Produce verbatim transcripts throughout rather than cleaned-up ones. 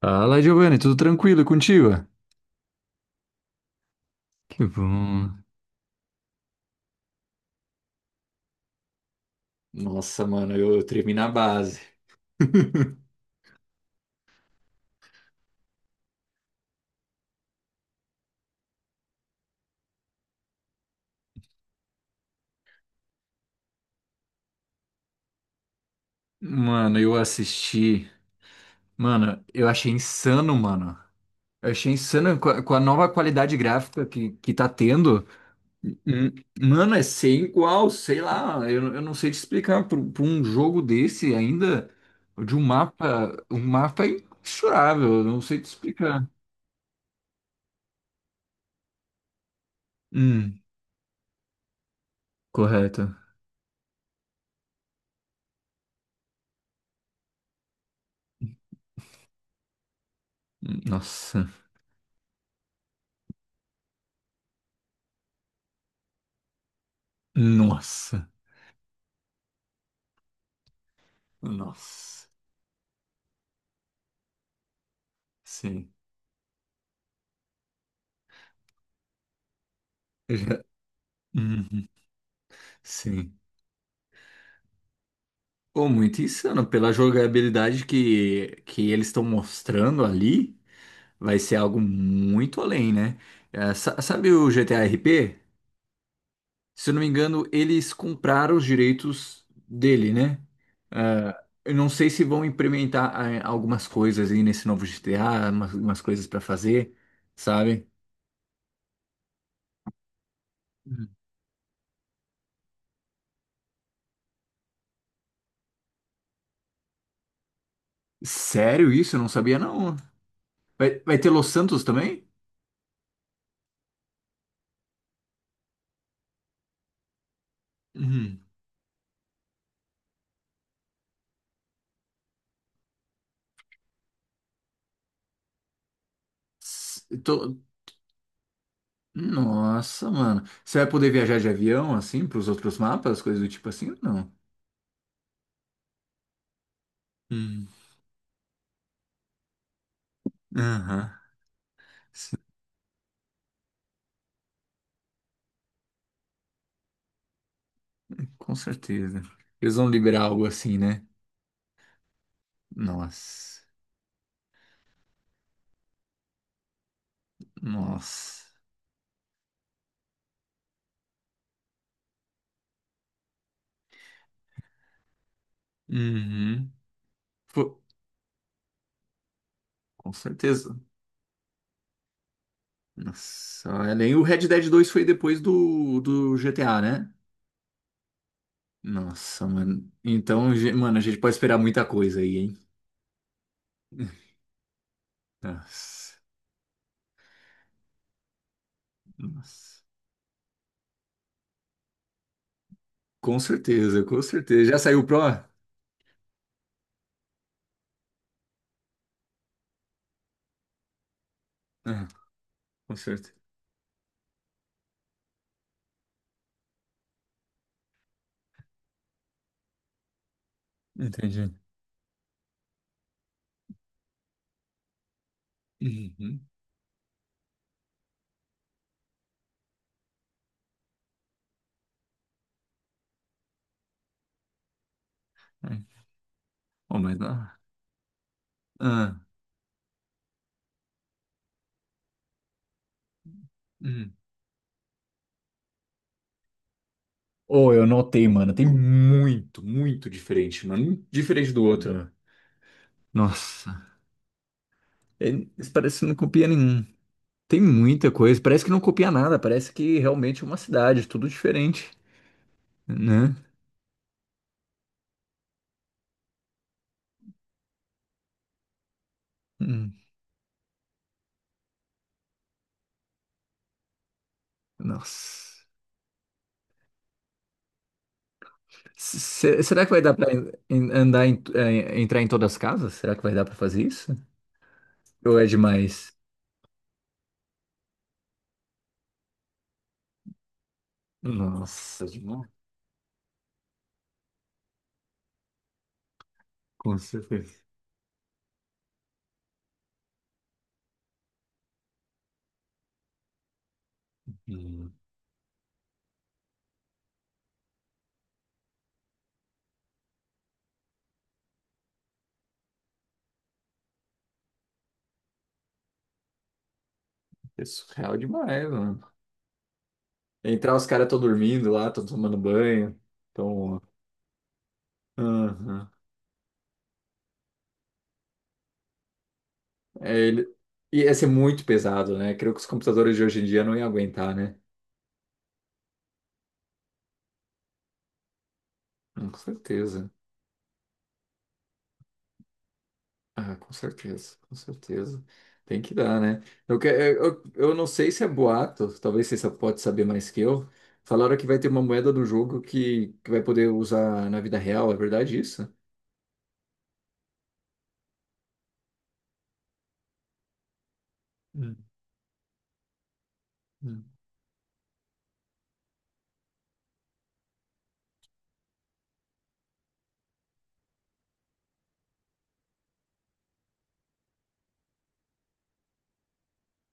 Fala, Giovanni, tudo tranquilo e contigo? Que bom. Nossa, mano, eu, eu tremi na base. Mano, eu assisti. Mano, eu achei insano, mano. Eu achei insano com a, com a nova qualidade gráfica que, que tá tendo. Hum. Mano, é sem igual, sei lá. Eu, eu não sei te explicar. Por, por um jogo desse ainda, de um mapa. Um mapa imensurável. Eu não sei te explicar. Hum. Correto. Nossa. Nossa. Nossa, sim. Eu já- Uhum. Sim. Pô, muito insano. Pela jogabilidade que, que eles estão mostrando ali, vai ser algo muito além, né? É, sa- sabe o G T A R P? Se eu não me engano, eles compraram os direitos dele, né? Ah, eu não sei se vão implementar ah, algumas coisas aí nesse novo G T A, umas, umas coisas pra fazer, sabe? Uhum. Sério isso? Eu não sabia, não. Vai, vai ter Los Santos também? Uhum. S- tô- Nossa, mano. Você vai poder viajar de avião, assim, pros outros mapas, coisas do tipo assim? Não. Hum. Aham. Sim, com certeza. Eles vão liberar algo assim, né? Nossa. Nossa. Uhum. Fo- Com certeza. Nossa, olha, nem o Red Dead dois foi depois do, do G T A, né? Nossa, mano. Então, ge- mano, a gente pode esperar muita coisa aí, hein? Nossa. Nossa. Com certeza, com certeza. Já saiu o Pro? Ah. Com certeza. Entendi. Uhum. É. Oh, mas dá. Ah. Uhum. Oh, eu notei, mano. Tem muito, muito diferente, mano. Um diferente do outro, né? Nossa. É, isso parece que não copia nenhum. Tem muita coisa. Parece que não copia nada. Parece que realmente é uma cidade, tudo diferente, né? Hum. Nossa. Se- se- será que vai dar pra en- en- andar em, eh, entrar em todas as casas? Será que vai dar pra fazer isso? Ou é demais? Nossa, demais. Com certeza. É surreal demais, mano. Entrar, os caras estão dormindo lá, estão tomando banho. Então, aham. É, ele. Ia ser muito pesado, né? Creio que os computadores de hoje em dia não iam aguentar, né? Hum. Com certeza. Ah, com certeza, com certeza. Tem que dar, né? Eu, que- eu, eu não sei se é boato, talvez você só pode saber mais que eu. Falaram que vai ter uma moeda do jogo que, que vai poder usar na vida real, é verdade isso? Hum, hum.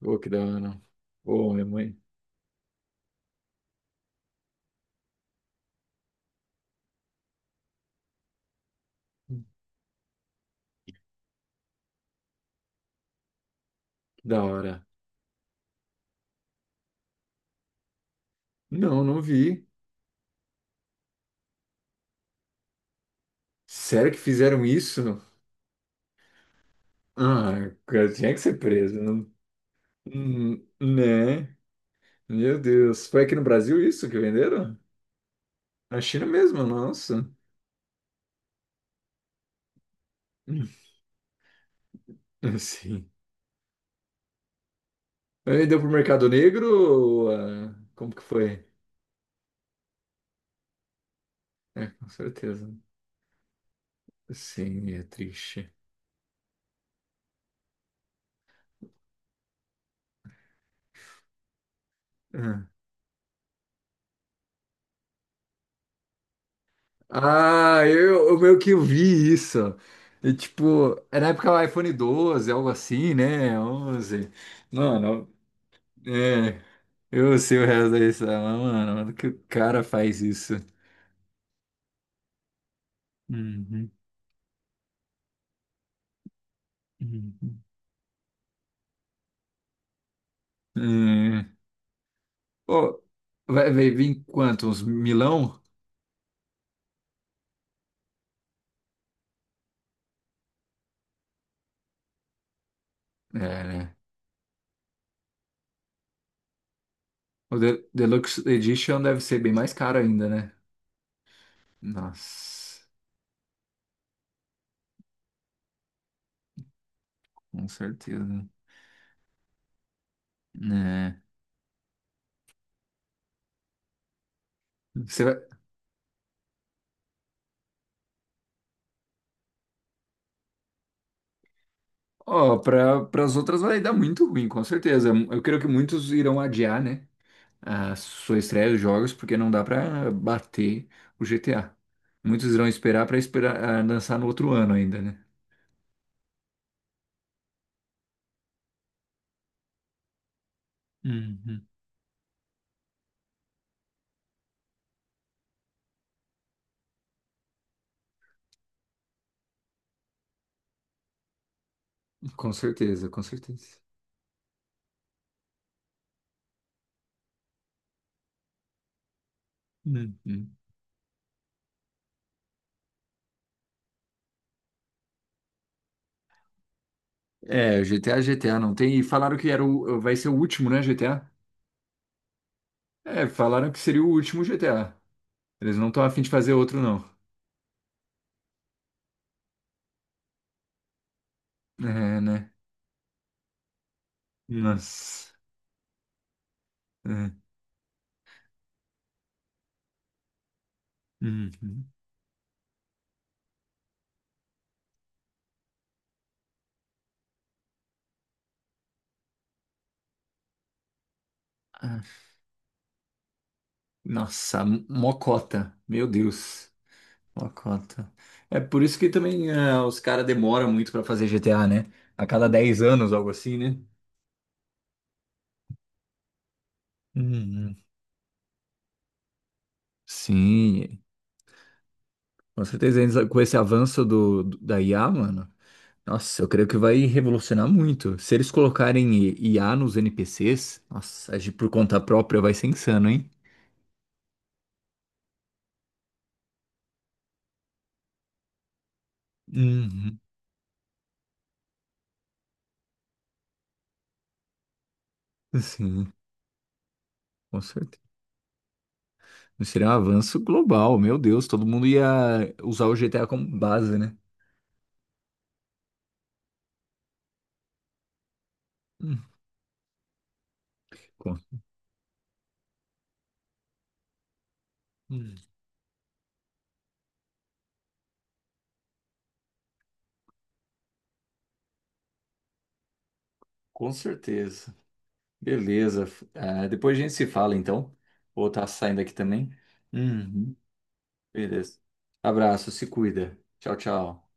Pô, que da hora. Pô, minha mãe. Que da hora. Não, não vi. Sério que fizeram isso? Ah, cara, tinha que ser preso, não- Hum, né? Meu Deus, foi aqui no Brasil isso que venderam? Na China mesmo, nossa. Hum. Sim. Vendeu pro mercado negro? Ou, ah, como que foi? É, com certeza. Sim, é triste. Ah, ah, eu, eu meio que eu vi isso. E, tipo, é na época do iPhone doze, algo assim, né? Onze. Mano, é. Eu sei o resto da história, mas, mano, mano, que o cara faz isso? Uhum, uhum. Hum. Pô, vai, vai vir quanto? Uns milão? É, né? O De- Deluxe Edition deve ser bem mais caro ainda, né? Nossa, com certeza. Né? Você vai. Ó, para as outras vai dar muito ruim, com certeza. Eu creio que muitos irão adiar, né? A sua estreia dos jogos, porque não dá pra bater o G T A. Muitos irão esperar pra esperar ah, lançar no outro ano ainda, né? Uhum. Com certeza, com certeza. Uhum. É, G T A, G T A não tem. E falaram que era o, vai ser o último, né, G T A? É, falaram que seria o último G T A. Eles não estão afim de fazer outro, não. É, né? Nossa. É. Uhum. Ah, nossa, mocota. Meu Deus. Uma cota. É por isso que também eh, os caras demoram muito pra fazer G T A, né? A cada dez anos, algo assim, né? Uhum. Sim, com certeza eles- com esse avanço do, do- da I A, mano. Nossa, eu creio que vai revolucionar muito. Se eles colocarem I- IA nos N P Cs, nossa, agir por conta própria vai ser insano, hein? Uhum. Sim, com certeza. Seria um avanço global, meu Deus, todo mundo ia usar o G T A como base, né? Hum, com, hum, com certeza. Beleza. Ah, depois a gente se fala, então. Vou estar saindo aqui também. Uhum. Beleza. Abraço, se cuida. Tchau, tchau.